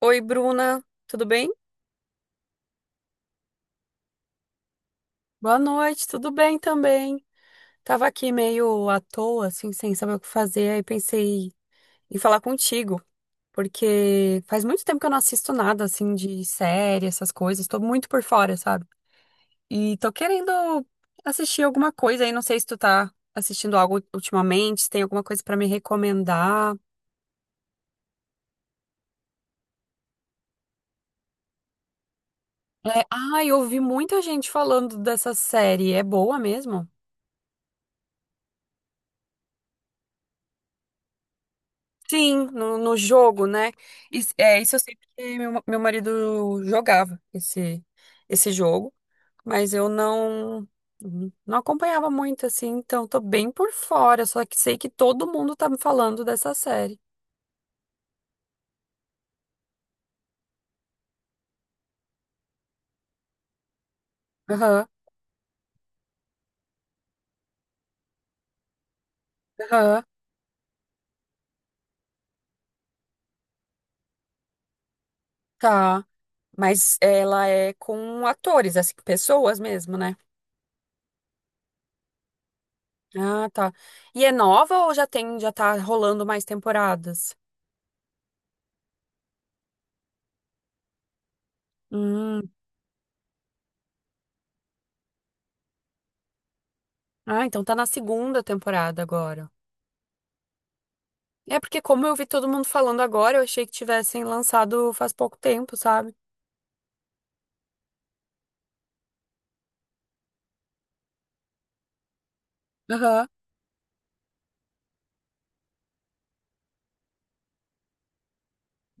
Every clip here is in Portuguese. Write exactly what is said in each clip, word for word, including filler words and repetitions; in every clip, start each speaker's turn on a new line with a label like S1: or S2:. S1: Oi, Bruna, tudo bem? Boa noite, tudo bem também. Tava aqui meio à toa, assim, sem saber o que fazer, aí pensei em falar contigo, porque faz muito tempo que eu não assisto nada, assim, de série, essas coisas, tô muito por fora, sabe? E tô querendo assistir alguma coisa aí, não sei se tu tá assistindo algo ultimamente, se tem alguma coisa pra me recomendar. É, ai, eu ouvi muita gente falando dessa série, é boa mesmo? Sim, no, no jogo, né? Isso, é, isso eu sei porque meu, meu marido jogava esse, esse jogo, mas eu não não acompanhava muito, assim, então tô bem por fora, só que sei que todo mundo tá me falando dessa série. Aham, aham, tá. Mas ela é com atores, assim, pessoas mesmo, né? Ah, tá. E é nova ou já tem, já tá rolando mais temporadas? Hum. Ah, então tá na segunda temporada agora. É porque como eu vi todo mundo falando agora, eu achei que tivessem lançado faz pouco tempo, sabe? Aham.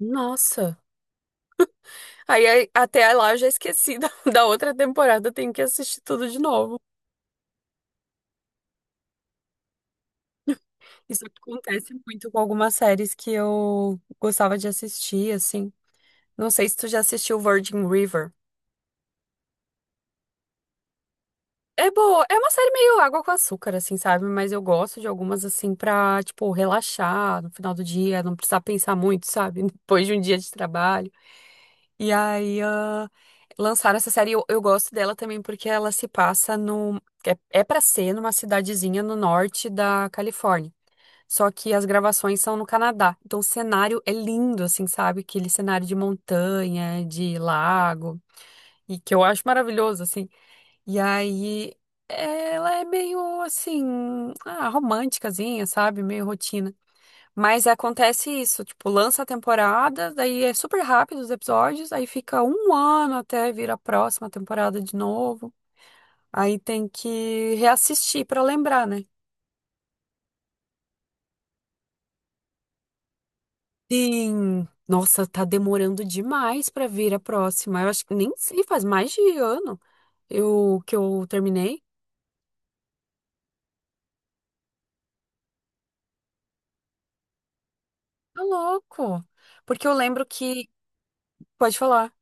S1: Nossa. Aí aí, até lá eu já esqueci da, da outra temporada, tenho que assistir tudo de novo. Isso acontece muito com algumas séries que eu gostava de assistir, assim. Não sei se tu já assistiu Virgin River. É boa, é uma série meio água com açúcar, assim, sabe? Mas eu gosto de algumas, assim, pra, tipo, relaxar no final do dia, não precisar pensar muito, sabe? Depois de um dia de trabalho. E aí, ah, lançaram essa série. Eu, eu gosto dela também porque ela se passa no. É, é para ser numa cidadezinha no norte da Califórnia. Só que as gravações são no Canadá. Então o cenário é lindo, assim, sabe? Aquele cenário de montanha, de lago, e que eu acho maravilhoso, assim. E aí, ela é meio, assim, ah, românticazinha, sabe? Meio rotina. Mas acontece isso, tipo, lança a temporada, daí é super rápido os episódios, aí fica um ano até vir a próxima temporada de novo. Aí tem que reassistir pra lembrar, né? Sim. Nossa, tá demorando demais pra vir a próxima. Eu acho que nem sei, faz mais de ano eu que eu terminei. Tá louco. Porque eu lembro que. Pode falar.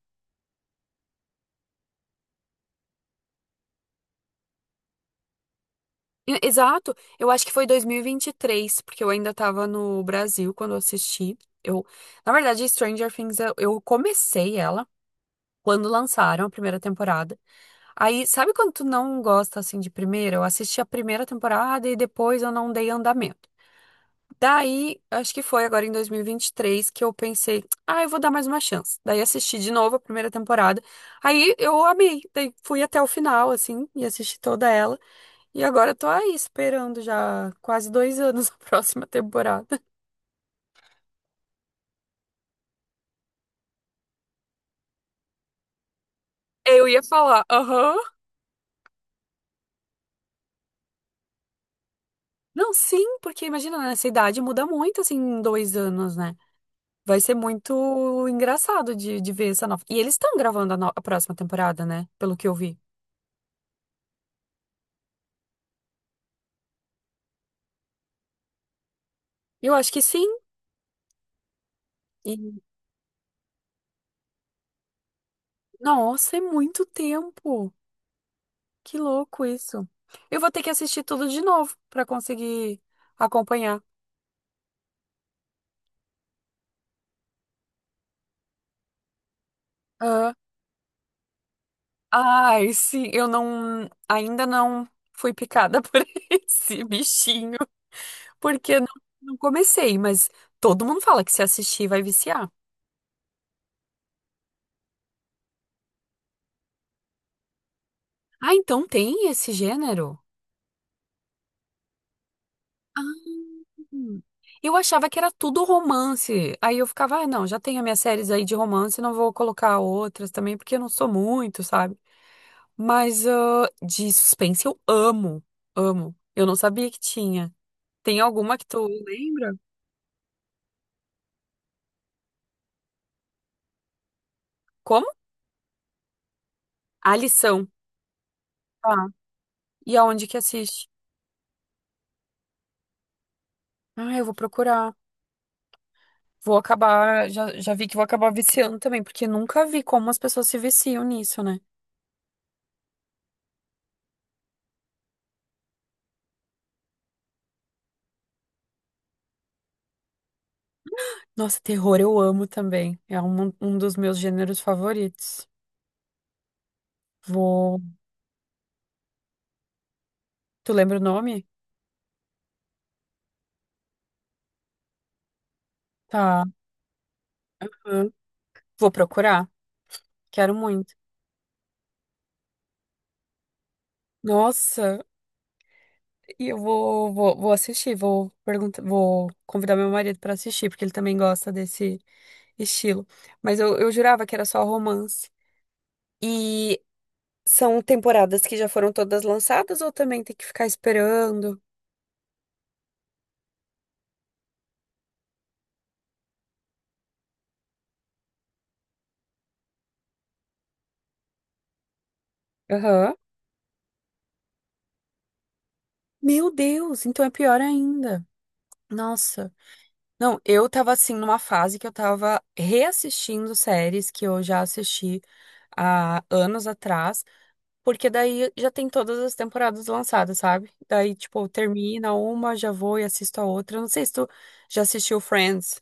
S1: E- Exato, eu acho que foi dois mil e e vinte e três porque eu ainda tava no Brasil quando eu assisti. Eu, na verdade, Stranger Things, eu eu comecei ela quando lançaram a primeira temporada. Aí, sabe quando tu não gosta assim de primeira? Eu assisti a primeira temporada e depois eu não dei andamento. Daí, acho que foi agora em dois mil e e vinte e três que eu pensei, ah, eu vou dar mais uma chance. Daí assisti de novo a primeira temporada. Aí eu amei, daí fui até o final assim e assisti toda ela. E agora eu tô aí esperando já quase dois anos a próxima temporada. Eu ia falar, aham. Não, sim, porque imagina, nessa idade muda muito, assim, em dois anos, né? Vai ser muito engraçado de, de ver essa nova. E eles estão gravando a, no- a próxima temporada, né? Pelo que eu vi. Eu acho que sim. E, nossa, é muito tempo. Que louco isso. Eu vou ter que assistir tudo de novo pra conseguir acompanhar. Ai, sim, eu não, ainda não fui picada por esse bichinho, porque não, não comecei, mas todo mundo fala que se assistir vai viciar. Ah, então tem esse gênero? Hum. Eu achava que era tudo romance. Aí eu ficava, ah, não, já tenho as minhas séries aí de romance, não vou colocar outras também, porque eu não sou muito, sabe? Mas ah, de suspense eu amo, amo. Eu não sabia que tinha. Tem alguma que tu lembra? Como? A lição. E aonde que assiste? Ah, eu vou procurar. Vou acabar, já, já vi que vou acabar viciando também, porque nunca vi como as pessoas se viciam nisso, né? Nossa, terror eu amo também. É um, um dos meus gêneros favoritos. Vou. Tu lembra o nome? Tá. Hã? Vou procurar. Quero muito. Nossa, e eu vou, vou, vou assistir, vou perguntar, vou convidar meu marido pra assistir, porque ele também gosta desse estilo. Mas eu, eu jurava que era só romance. E são temporadas que já foram todas lançadas ou também tem que ficar esperando? Aham. Meu Deus, então é pior ainda. Nossa. Não, eu tava assim numa fase que eu tava reassistindo séries que eu já assisti há anos atrás, porque daí já tem todas as temporadas lançadas, sabe? Daí, tipo, termina uma, já vou e assisto a outra. Eu não sei se tu já assistiu Friends.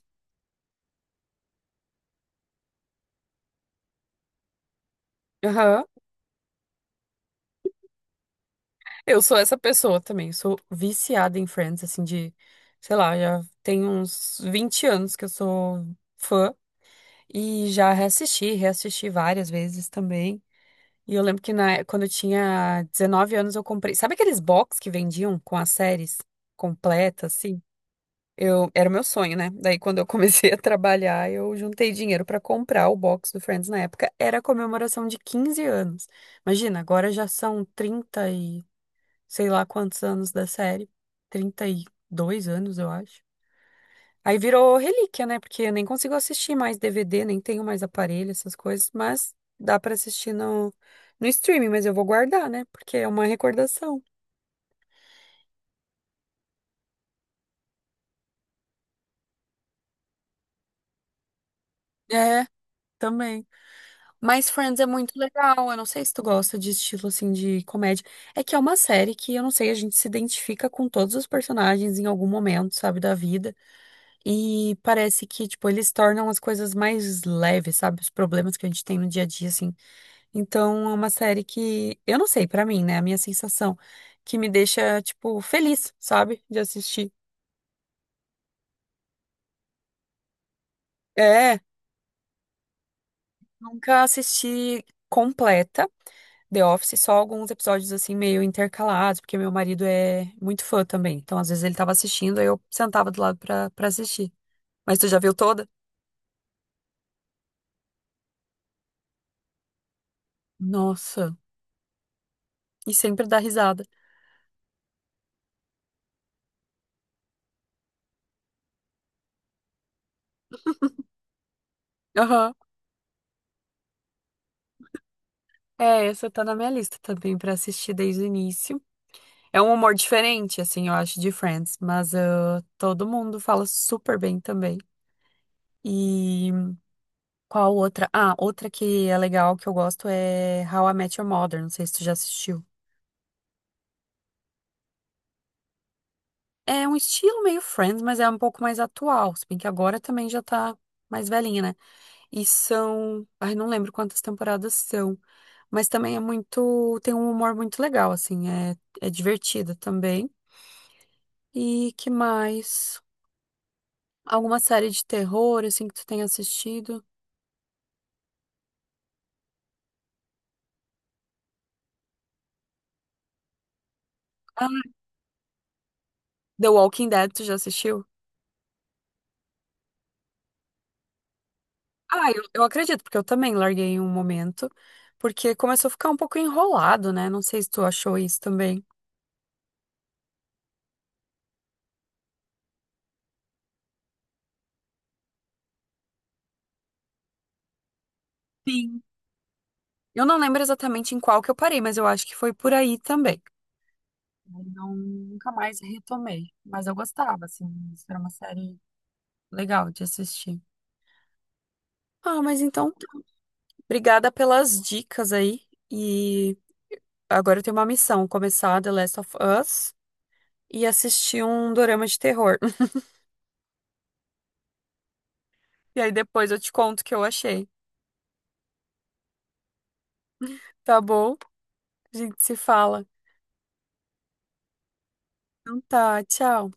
S1: Aham. Eu sou essa pessoa também, sou viciada em Friends, assim, de, sei lá, já tem uns vinte anos que eu sou fã e já reassisti, reassisti várias vezes também. E eu lembro que na, quando eu tinha dezenove anos eu comprei, sabe aqueles box que vendiam com as séries completas, assim? Eu, era o meu sonho, né? Daí quando eu comecei a trabalhar, eu juntei dinheiro pra comprar o box do Friends na época, era a comemoração de quinze anos. Imagina, agora já são trinta sei lá quantos anos da série, trinta e dois anos, eu acho. Aí virou relíquia, né? Porque eu nem consigo assistir mais D V D, nem tenho mais aparelho, essas coisas, mas dá pra assistir no, no streaming, mas eu vou guardar, né? Porque é uma recordação. É, também. Mas Friends é muito legal. Eu não sei se tu gosta de estilo assim de comédia. É que é uma série que eu não sei, a gente se identifica com todos os personagens em algum momento, sabe, da vida. E parece que, tipo, eles tornam as coisas mais leves, sabe? Os problemas que a gente tem no dia a dia, assim. Então, é uma série que, eu não sei, pra mim, né? A minha sensação que me deixa, tipo, feliz, sabe? De assistir. É, nunca assisti completa The Office, só alguns episódios, assim, meio intercalados, porque meu marido é muito fã também. Então, às vezes ele tava assistindo, aí eu sentava do lado pra, pra assistir. Mas tu já viu toda? Nossa, e sempre dá risada. Aham. É, essa tá na minha lista também pra assistir desde o início. É um humor diferente, assim, eu acho, de Friends, mas ah, todo mundo fala super bem também. E qual outra? Ah, outra que é legal, que eu gosto é How I Met Your Mother, não sei se tu já assistiu. É um estilo meio Friends, mas é um pouco mais atual, se bem que agora também já tá mais velhinha, né? E são, ai, não lembro quantas temporadas são, mas também é muito, tem um humor muito legal, assim, é, é divertido também. E que mais? Alguma série de terror, assim, que tu tenha assistido? Ah, The Walking Dead, tu já assistiu? Ah, eu, eu acredito, porque eu também larguei em um momento, porque começou a ficar um pouco enrolado, né? Não sei se tu achou isso também. Sim. Eu não lembro exatamente em qual que eu parei, mas eu acho que foi por aí também. Eu Não, nunca mais retomei, mas eu gostava, assim, isso era uma série legal de assistir. Ah, mas então, tá. Obrigada pelas dicas aí. E agora eu tenho uma missão, começar The Last of Us e assistir um dorama de terror. E aí depois eu te conto o que eu achei. Tá bom? A gente se fala. Então tá, tchau.